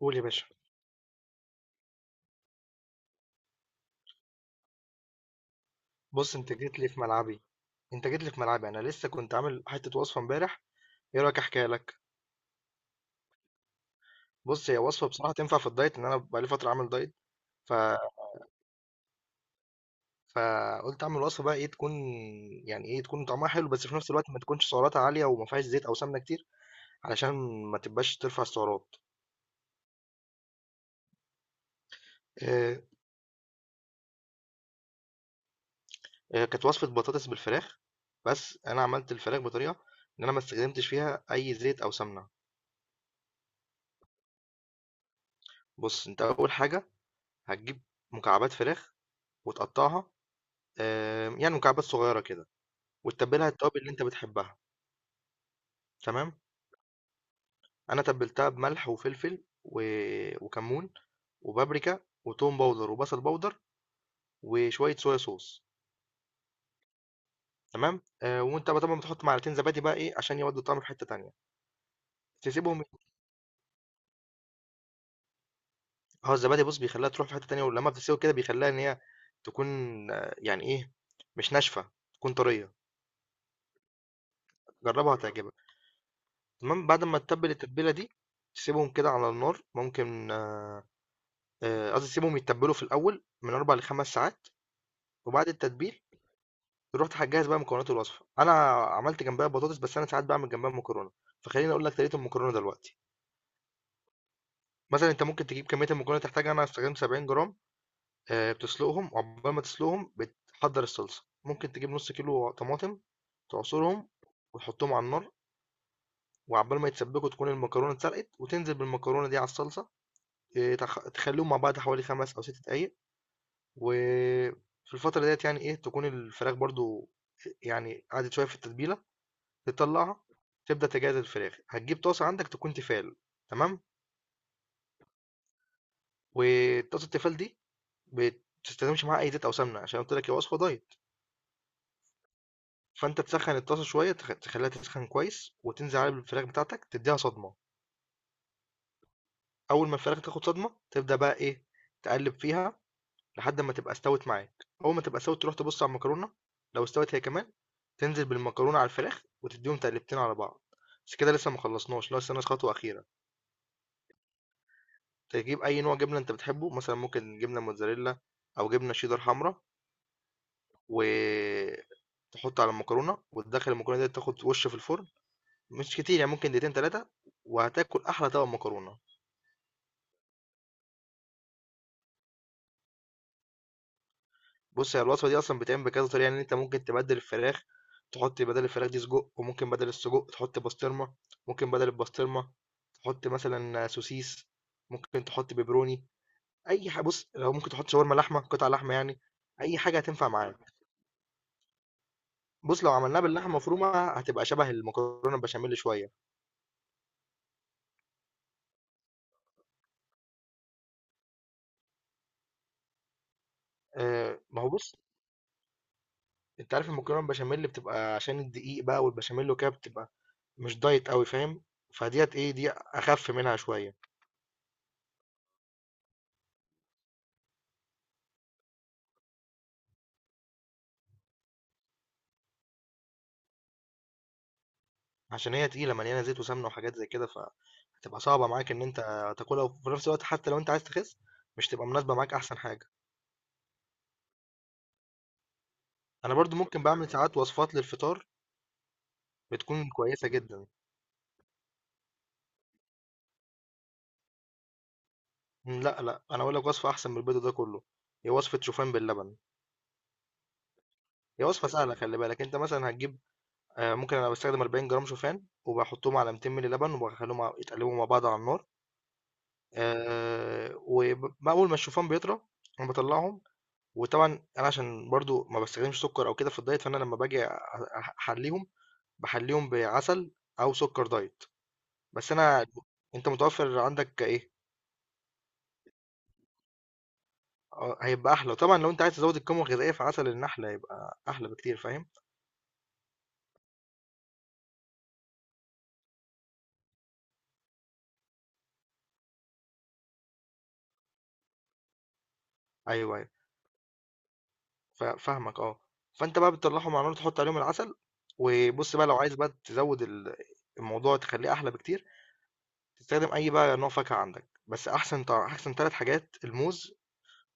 قول يا باشا. بص، انت جيت لي في ملعبي. انا لسه كنت عامل حته وصفه امبارح. ايه رايك احكيها لك؟ بص، هي وصفه بصراحه تنفع في الدايت، ان انا بقالي فتره عامل دايت. ف فقلت اعمل وصفه، بقى ايه تكون؟ يعني ايه تكون طعمها حلو، بس في نفس الوقت ما تكونش سعراتها عاليه وما فيهاش زيت او سمنه كتير، علشان ما تبقاش ترفع السعرات. آه، كانت وصفه بطاطس بالفراخ. بس انا عملت الفراخ بطريقه ان انا ما استخدمتش فيها اي زيت او سمنه. بص، انت اول حاجه هتجيب مكعبات فراخ وتقطعها، يعني مكعبات صغيرة كده، وتتبّلها التوابل اللي أنت بتحبها. تمام، أنا تبّلتها بملح وفلفل وكمون وبابريكا وتوم باودر وبصل باودر وشوية صويا صوص. تمام، وأنت بقى طبعًا بتحط معلقتين زبادي، بقى إيه، عشان يودّوا الطعم في حتّة تانية، تسيبهم. آه، الزبادي بُص بيخلّيها تروح في حتّة تانية، ولمّا بتتسوي كده بيخلّيها إن هي تكون، آه، يعني إيه، مش ناشفة، تكون طرية. جرّبها هتعجبك. تمام، بعد ما تتبّل التتبيلة دي، تسيبهم كده على النار. ممكن قصدي تسيبهم يتبلوا في الأول من 4 ل5 ساعات. وبعد التتبيل رحت هجهز بقى مكونات الوصفة. أنا عملت جنبها بطاطس، بس أنا ساعات بعمل جنبها مكرونة. فخليني أقول لك طريقة المكرونة دلوقتي. مثلا أنت ممكن تجيب كمية المكرونة اللي تحتاجها. أنا استخدمت 70 جرام. آه، بتسلقهم، وعقبال ما تسلقهم بتحضر الصلصة. ممكن تجيب نص كيلو طماطم، تعصرهم وتحطهم على النار، وعقبال ما يتسبكوا تكون المكرونة اتسلقت، وتنزل بالمكرونة دي على الصلصة. آه، تخليهم مع بعض حوالي 5 أو 6 دقايق. وفي الفترة ديت يعني ايه تكون الفراخ برضو، يعني قعدت شوية في التتبيلة، تطلعها تبدأ تجهز الفراخ. هتجيب طاسة عندك تكون تيفال. تمام، وطاسة التيفال دي بتستخدمش معاها أي زيت أو سمنة، عشان قلت لك هي وصفة دايت. فأنت تسخن الطاسة شوية، تخليها تسخن كويس، وتنزل عليها بالفراخ بتاعتك، تديها صدمة. أول ما الفراخ تاخد صدمة تبدأ بقى إيه، تقلب فيها لحد أمّا تبقى استوت معاك. أول ما تبقى استوت تروح تبُص على المكرونة، لو استوت هي كمان تنزل بالمكرونة على الفراخ وتدّيهم تقلبتين على بعض. بس كده لسه ما خلّصناش، لسه ناقص خطوة أخيرة. تجيب أي نوع جبنة أنت بتحبه، مثلًا ممكن جبنة موتزاريلا أو جبنة شيدر حمرا، وتحط على المكرونة، وتدخّل المكرونة ديّة تاخد وِش في الفرن. مش كتير، يعني ممكن دقيقتين 3، وهتاكل أحلى طبق مكرونة. بص، هي الوصفة دي أصلا بتتعمل بكذا طريقة. يعني أنت ممكن تبدل الفراخ، تحط بدل الفراخ دي سجق، وممكن بدل السجق تحط بسطرمة، ممكن بدل البسطرمة تحط مثلا سوسيس، ممكن تحط بيبروني. أي حاجة. بص لو ممكن تحط شاورما لحمة، قطع لحمة يعني. أي حاجة هتنفع معاك. بص لو عملناها باللحمة مفرومة هتبقى شبه المكرونة البشاميل شوية. أه، ما هو بص، أنت عارف المكرونة البشاميل بتبقى عشان الدقيق بقى والبشاميل وكده، بتبقى مش دايت قوي، فاهم؟ فديت إيه دي أخف منها شوية، عشان هي تقيلة مليانة زيت وسمنة وحاجات زي كده، فهتبقى صعبة معاك ان انت تاكلها، وفي نفس الوقت حتى لو انت عايز تخس مش تبقى مناسبة معاك احسن حاجة. انا برضو ممكن بعمل ساعات وصفات للفطار بتكون كويسة جدا. مم، لا، انا اقول لك وصفة احسن من البيض ده كله. هي وصفة شوفان باللبن. هي وصفة سهلة. خلي بالك، انت مثلا هتجيب، آه، ممكن انا بستخدم 40 جرام شوفان، وبحطهم على 200 مللي لبن، وبخليهم يتقلبوا مع بعض على النار. آه، وأول ما الشوفان بيطرى أنا بطلعهم. وطبعًا أنا عشان برضه ما باستخدمش سُكّر أو كده في الدايت، فأنا لمّا باجي أ أح أحلّيهم، باحلّيهم بعسل أو سُكّر دايت. بس أنا أنت متوفّر عندك إيه، آه، هيبقى أحلى. وطبعًا لو أنت عايز تزوّد القيمة الغذائية فعسل النحل هيبقى أحلى بكتير، فاهم؟ أيوه، أيوه، فاهمك آه. فأنت بقى بتطلّعهم على النار، تحُط عليهم العسل. وبُص بقى لو عايز بقى تزوّد الموضوع تخلّيه أحلى بكتير. تستخدم أي بقى نوع فاكهة عندك، بس أحسن 3 حاجات: الموز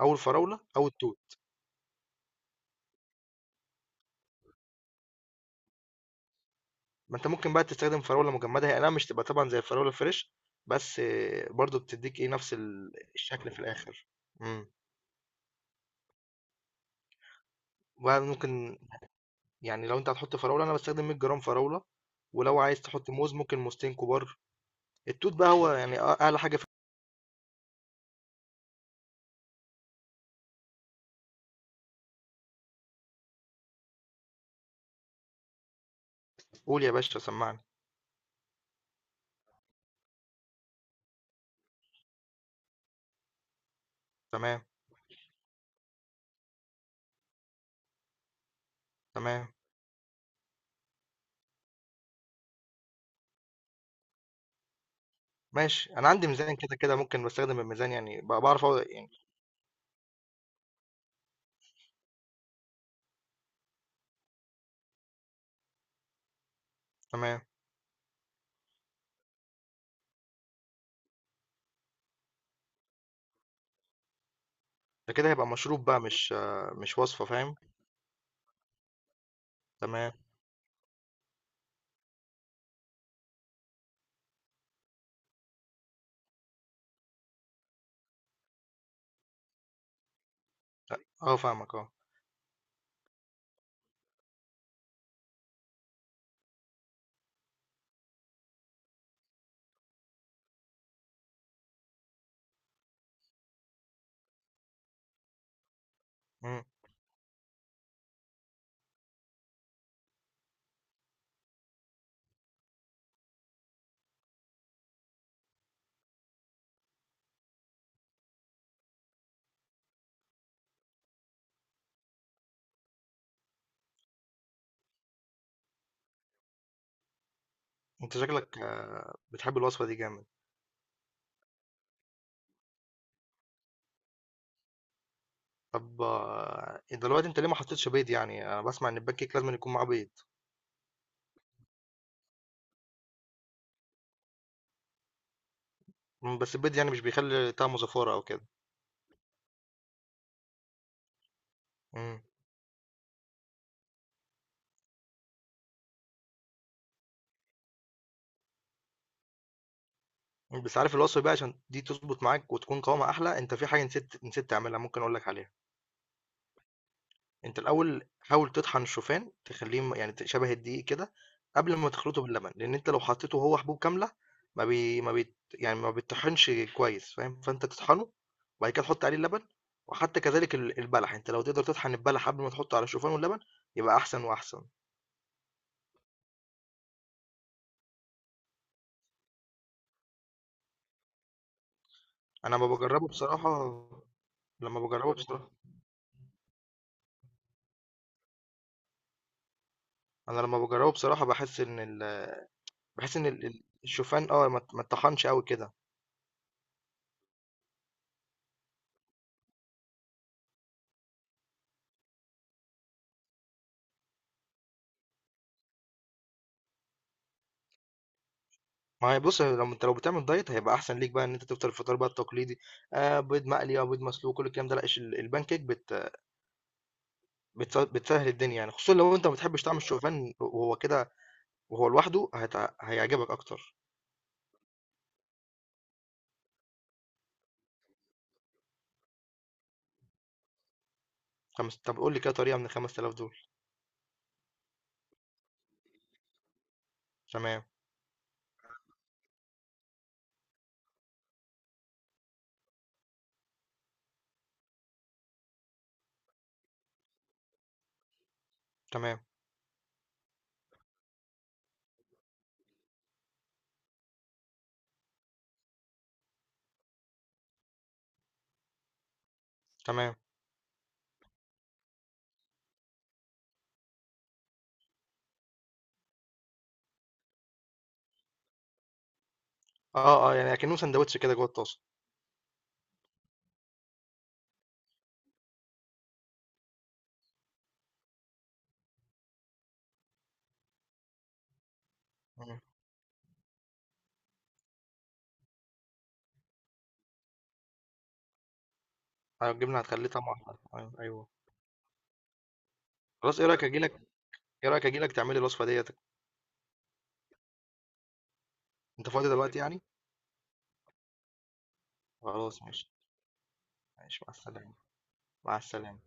أو الفراولة أو التوت. ما أنت ممكن بقى تستخدم فراولة مجمدة. هي أي نعم مش تبقى طبعًا زي الفراولة الفريش، بس برضه بتدّيك إيه، نفس الشكل في الآخر. إمم. وبقى ممكن يعني لو أنت هتحط فراولة أنا باستخدم 100 جرام فراولة، ولو عايز تحط موز ممكن موزتين كبار. التوت بقى هو يعني أعلى حاجة في. قُل يا باشا، سمّعني. تمام. تمام. ماشي. أنا عندي ميزان كده، كده ممكن باستخدم الميزان، يعني باعرف أو يعني. تمام. ده كده هيبقى مشروب بقى، مش آه، مش وصفة، فاهم؟ تمام. أ آه فاهمك آه. إمم. أنت شكلك آه، بتحب الوصفة دي جامد. طب آه، دلوقتي انت ليه ما حطيتش بيض؟ يعني انا بسمع ان البان كيك لازم يكون معاه بيض. مم، بس البيض يعني مش بيخلي طعمه زفاره او كده؟ مم. بس عارف الوصفه بقى، عشان دي تظبط معاك وتكون قوامها احلى، انت في حاجه نسيت تعملها، ممكن اقول لك عليها. أنت الأول حاول تطحن الشوفان تخلّيه م يعني ت شبه الدقيق كده قبل ما تخلطه باللبن، لإن أنت لو حطيته وهو حبوب كاملة ما بي ما بيت يعني ما بيتطحنش كويس، فاهم؟ فأنت تطحنه، وبعد كده تحط عليه اللبن. وحتى كذلك البلح، أنت لو تقدر تطحن البلح قبل ما تحطه على الشوفان واللبن يبقى أحسن وأحسن. أنا أمّا باجرّبه بصراحة لمّا باجرّبه بصراحة أنا لمّا باجرّبه بصراحة باحس إن ال الشوفان آه ما اتطحنش أوي كده. ما هي بُص، لو بتعمل دايت هيبقى أحسن ليك بقى إن أنت تفطر الفطار بقى التقليدي، بيض مقلي أو بيض مسلوق كل الكلام ده، لأ الpancake بت بتس بتسهّل الدنيا يعني، خصوصًا لو أنت ما بتحبش طعم الشوفان وهو كده وهو لوحده هيعجبك أكتر. طب قُل لي كده طريقة من ال5000 دول. تمام، تمام، تمام. آه، آه، يعني أكنّه ساندوتش كده جوّه الطاسة. إمم. أيوه، الجبنة هتخلّيه طعمه أحلى. أيوه، أيوه. خلاص، إيه رأيك آجي لك، تعمل لي الوصفة ديّة؟ أنت فاضي دلوقتي يعني؟ خلاص ماشي. ماشي، مع السلامة. مع السلامة.